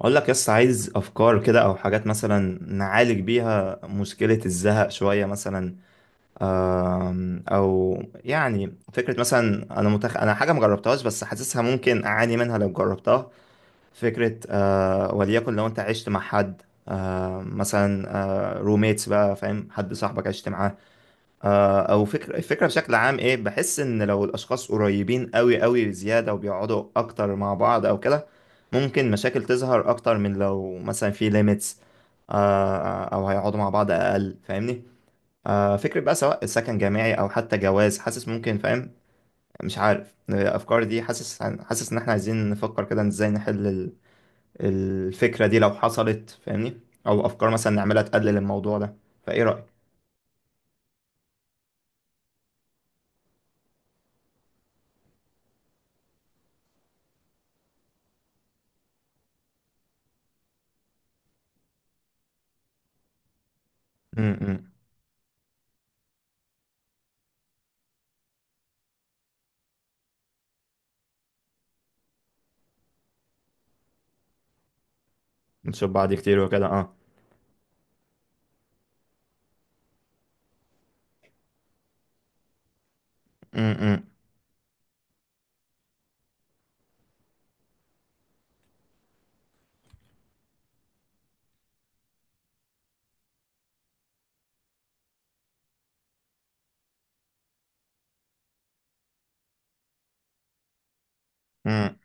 اقول لك يس عايز افكار كده او حاجات مثلا نعالج بيها مشكلة الزهق شوية مثلا. او فكرة مثلا انا حاجة مجربتهاش بس حاسسها ممكن اعاني منها لو جربتها فكرة. وليكن لو انت عشت مع حد. مثلا روميتس بقى، فاهم، حد صاحبك عشت معاه. او فكرة، الفكرة بشكل عام ايه، بحس ان لو الاشخاص قريبين قوي بزيادة وبيقعدوا اكتر مع بعض او كده، ممكن مشاكل تظهر اكتر من لو مثلا في ليميتس. آه، او هيقعدوا مع بعض اقل، فاهمني؟ فكرة بقى سواء سكن جامعي او حتى جواز، حاسس ممكن، فاهم؟ مش عارف الافكار دي. حاسس ان احنا عايزين نفكر كده ازاي نحل الفكرة دي لو حصلت، فاهمني؟ او افكار مثلا نعملها تقلل الموضوع ده. فايه رأيك؟ م- م. نشوف بعض كتير وكده اه. امم امم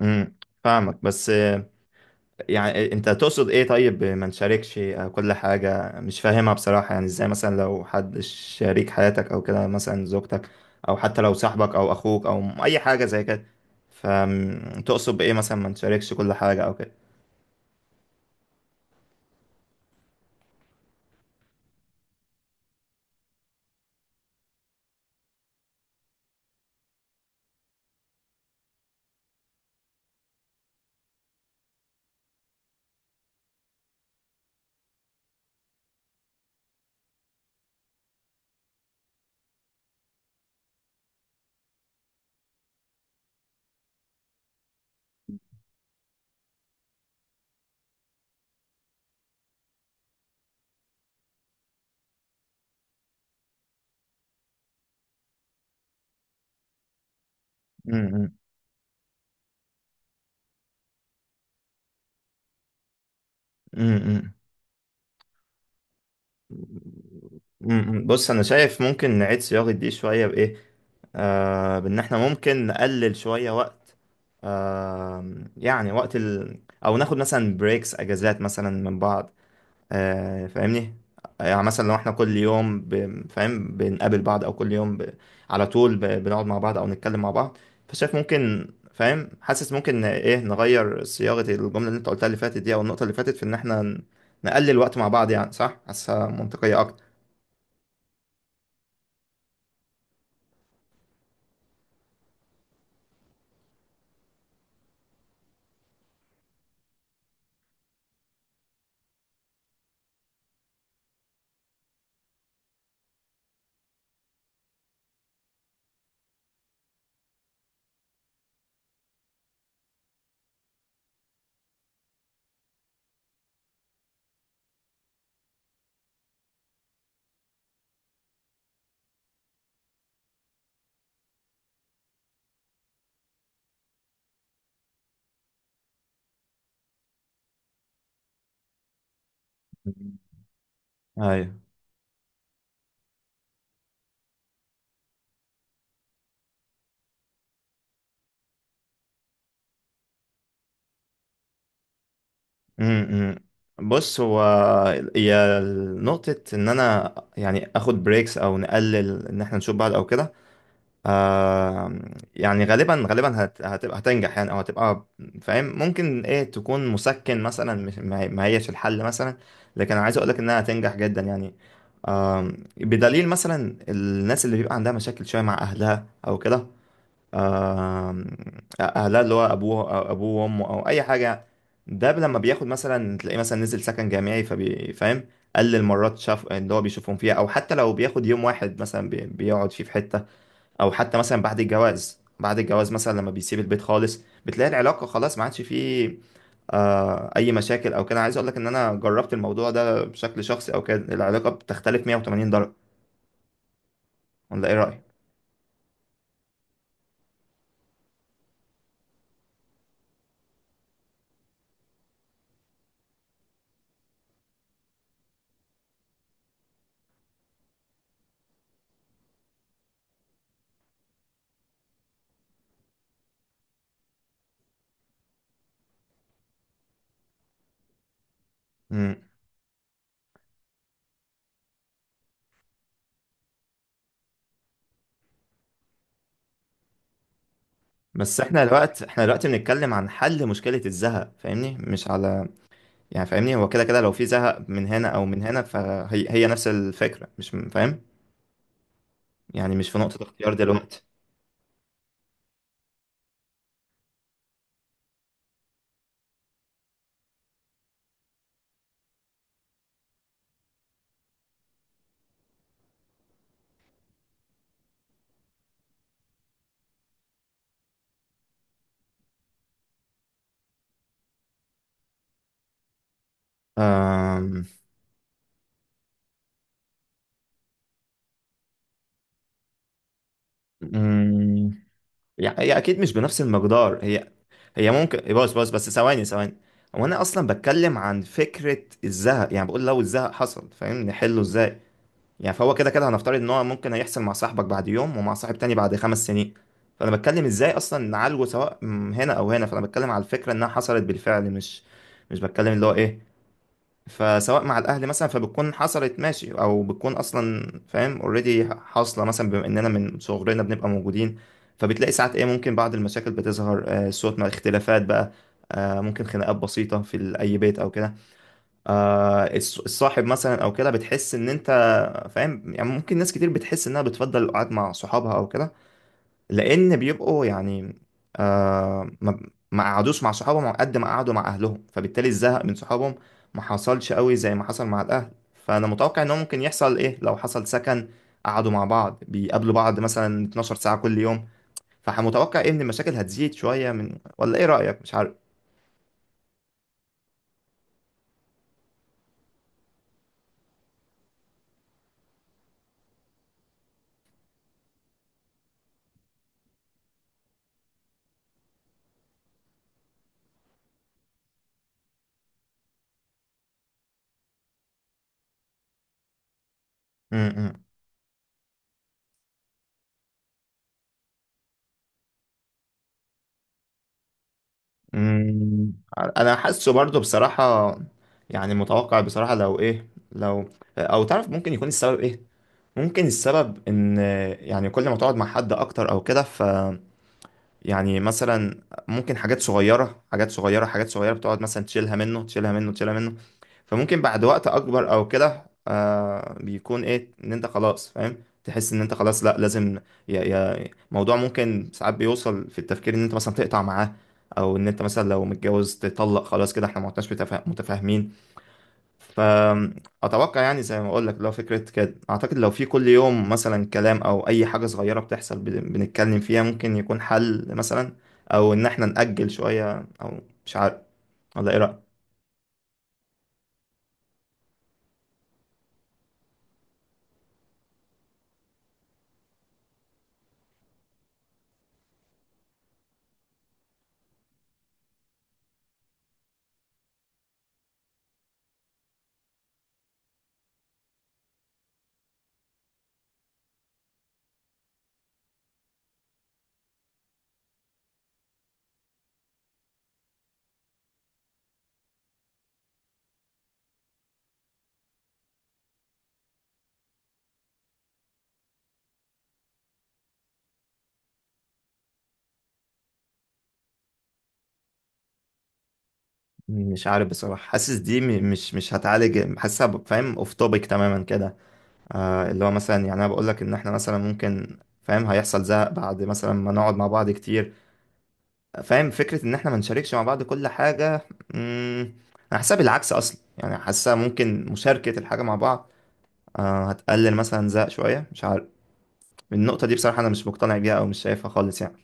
امم فاهمك بس، يعني انت تقصد ايه؟ طيب ما نشاركش كل حاجة، مش فاهمها بصراحة. يعني ازاي مثلا لو حد شريك حياتك او كده، مثلا زوجتك، او حتى لو صاحبك او اخوك او اي حاجة زي كده، فتقصد بايه مثلا ما نشاركش كل حاجة او كده؟ امم م- م. بص انا شايف ممكن نعيد صياغة دي شوية بايه، آه، بان احنا ممكن نقلل شوية وقت، آه، يعني او ناخد مثلا بريكس، اجازات مثلا من بعض، آه، فاهمني؟ يعني مثلا لو احنا كل يوم فاهم بنقابل بعض، او كل يوم على طول بنقعد مع بعض او نتكلم مع بعض، فشايف ممكن، فاهم؟ حاسس ممكن ايه نغير صياغة الجملة اللي انت قلتها اللي فاتت دي، او النقطة اللي فاتت، في ان احنا نقلل وقت مع بعض، يعني صح؟ حاسسها منطقية اكتر. ايوه. امم بص هو هي نقطة إن أنا يعني آخد بريكس أو نقلل إن إحنا نشوف بعض أو كده، آه، يعني غالبا هتبقى هتنجح يعني أو هتبقى، فاهم، ممكن إيه تكون مسكن مثلا، مش ما هيش الحل مثلا، لكن أنا عايز أقولك إنها هتنجح جدا يعني. آه، بدليل مثلا الناس اللي بيبقى عندها مشاكل شوية مع أهلها أو كده، آم، اهلها اللي هو ابوه أو ابوه وامه او اي حاجه، ده لما بياخد مثلا، تلاقيه مثلا نزل سكن جامعي فبيفهم، قلل مرات شاف اللي هو بيشوفهم فيها، او حتى لو بياخد يوم واحد مثلا بيقعد فيه في حته، او حتى مثلا بعد الجواز، بعد الجواز مثلا لما بيسيب البيت خالص، بتلاقي العلاقه خلاص ما عادش فيه اي مشاكل او كده. عايز اقول لك ان انا جربت الموضوع ده بشكل شخصي او كده، العلاقه بتختلف 180 درجه. ولا ايه رايك؟ بس احنا دلوقتي، بنتكلم عن حل مشكلة الزهق، فاهمني؟ مش على، يعني فاهمني، هو كده كده لو في زهق من هنا او من هنا، فهي نفس الفكرة، مش م- فاهم؟ يعني مش في نقطة اختيار دلوقتي. أم... أم، يعني هي اكيد مش بنفس المقدار. هي هي ممكن، بص بس، ثواني. هو انا اصلا بتكلم عن فكرة الزهق، يعني بقول لو الزهق حصل، فاهم، نحله ازاي؟ يعني فهو كده كده هنفترض ان هو ممكن هيحصل مع صاحبك بعد يوم، ومع صاحب تاني بعد 5 سنين، فانا بتكلم ازاي اصلا نعالجه، هنا او هنا، فانا بتكلم على الفكره انها حصلت بالفعل، مش، مش بتكلم اللي هو ايه. فسواء مع الاهل مثلا، فبتكون حصلت، ماشي، او بتكون اصلا، فاهم، اوريدي حاصله مثلا، بما اننا من صغرنا بنبقى موجودين، فبتلاقي ساعات ايه، ممكن بعض المشاكل بتظهر، آه، صوت مع اختلافات بقى، آه، ممكن خناقات بسيطه في اي بيت او كده، آه، الصاحب مثلا او كده، بتحس ان انت، فاهم؟ يعني ممكن ناس كتير بتحس انها بتفضل القعاد مع صحابها او كده، لان بيبقوا يعني، آه، ما قعدوش مع صحابهم قد ما قعدوا مع اهلهم، فبالتالي الزهق من صحابهم ما حصلش قوي زي ما حصل مع الاهل. فانا متوقع انه ممكن يحصل ايه لو حصل سكن، قعدوا مع بعض، بيقابلوا بعض مثلا 12 ساعة كل يوم، فمتوقع ايه ان المشاكل هتزيد شوية، من، ولا ايه رأيك؟ مش عارف. مم، انا حاسه برضو بصراحة، يعني متوقع بصراحة لو ايه، لو، او تعرف ممكن يكون السبب ايه، ممكن السبب ان، يعني كل ما تقعد مع حد اكتر او كده ف، يعني مثلا، ممكن حاجات صغيرة، بتقعد مثلا تشيلها منه، تشيلها منه، فممكن بعد وقت أكبر أو كده، آه، بيكون إيه، إن أنت خلاص، فاهم، تحس إن أنت خلاص لأ لازم، يا موضوع، ممكن ساعات بيوصل في التفكير إن أنت مثلا تقطع معاه، أو إن أنت مثلا لو متجوز تطلق، خلاص كده إحنا ما عدناش متفاهمين. فأتوقع، يعني زي ما أقول لك، لو فكرة كده، أعتقد لو في كل يوم مثلا كلام أو أي حاجة صغيرة بتحصل بنتكلم فيها ممكن يكون حل مثلا، أو إن إحنا نأجل شوية، أو مش عارف. ولا إيه رأيك؟ مش عارف بصراحة، حاسس دي مش هتعالج، حاسسها فاهم أوف توبيك تماما كده. آه، اللي هو مثلا، يعني أنا بقول لك إن إحنا مثلا ممكن، فاهم، هيحصل زهق بعد مثلا ما نقعد مع بعض كتير، فاهم؟ فكرة ان احنا ما نشاركش مع بعض كل حاجة، مم، انا حاسسها بالعكس اصلا، يعني حاسسها ممكن مشاركة الحاجة مع بعض، آه، هتقلل مثلا زق شوية، مش عارف. النقطة دي بصراحة انا مش مقتنع بيها او مش شايفها خالص يعني.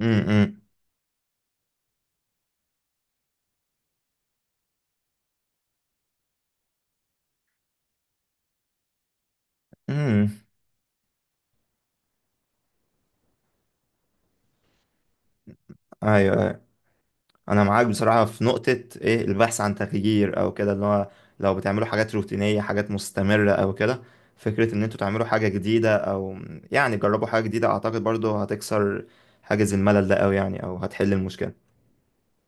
امم امم ايوه، أيوة. انا معاك بصراحة في نقطة ايه، البحث عن تغيير او كده، اللي هو لو بتعملوا حاجات روتينية، حاجات مستمرة او كده، فكرة ان انتوا تعملوا حاجة جديدة، او يعني جربوا حاجة جديدة، اعتقد برضو هتكسر حاجز الملل ده قوي يعني، او هتحل المشكلة.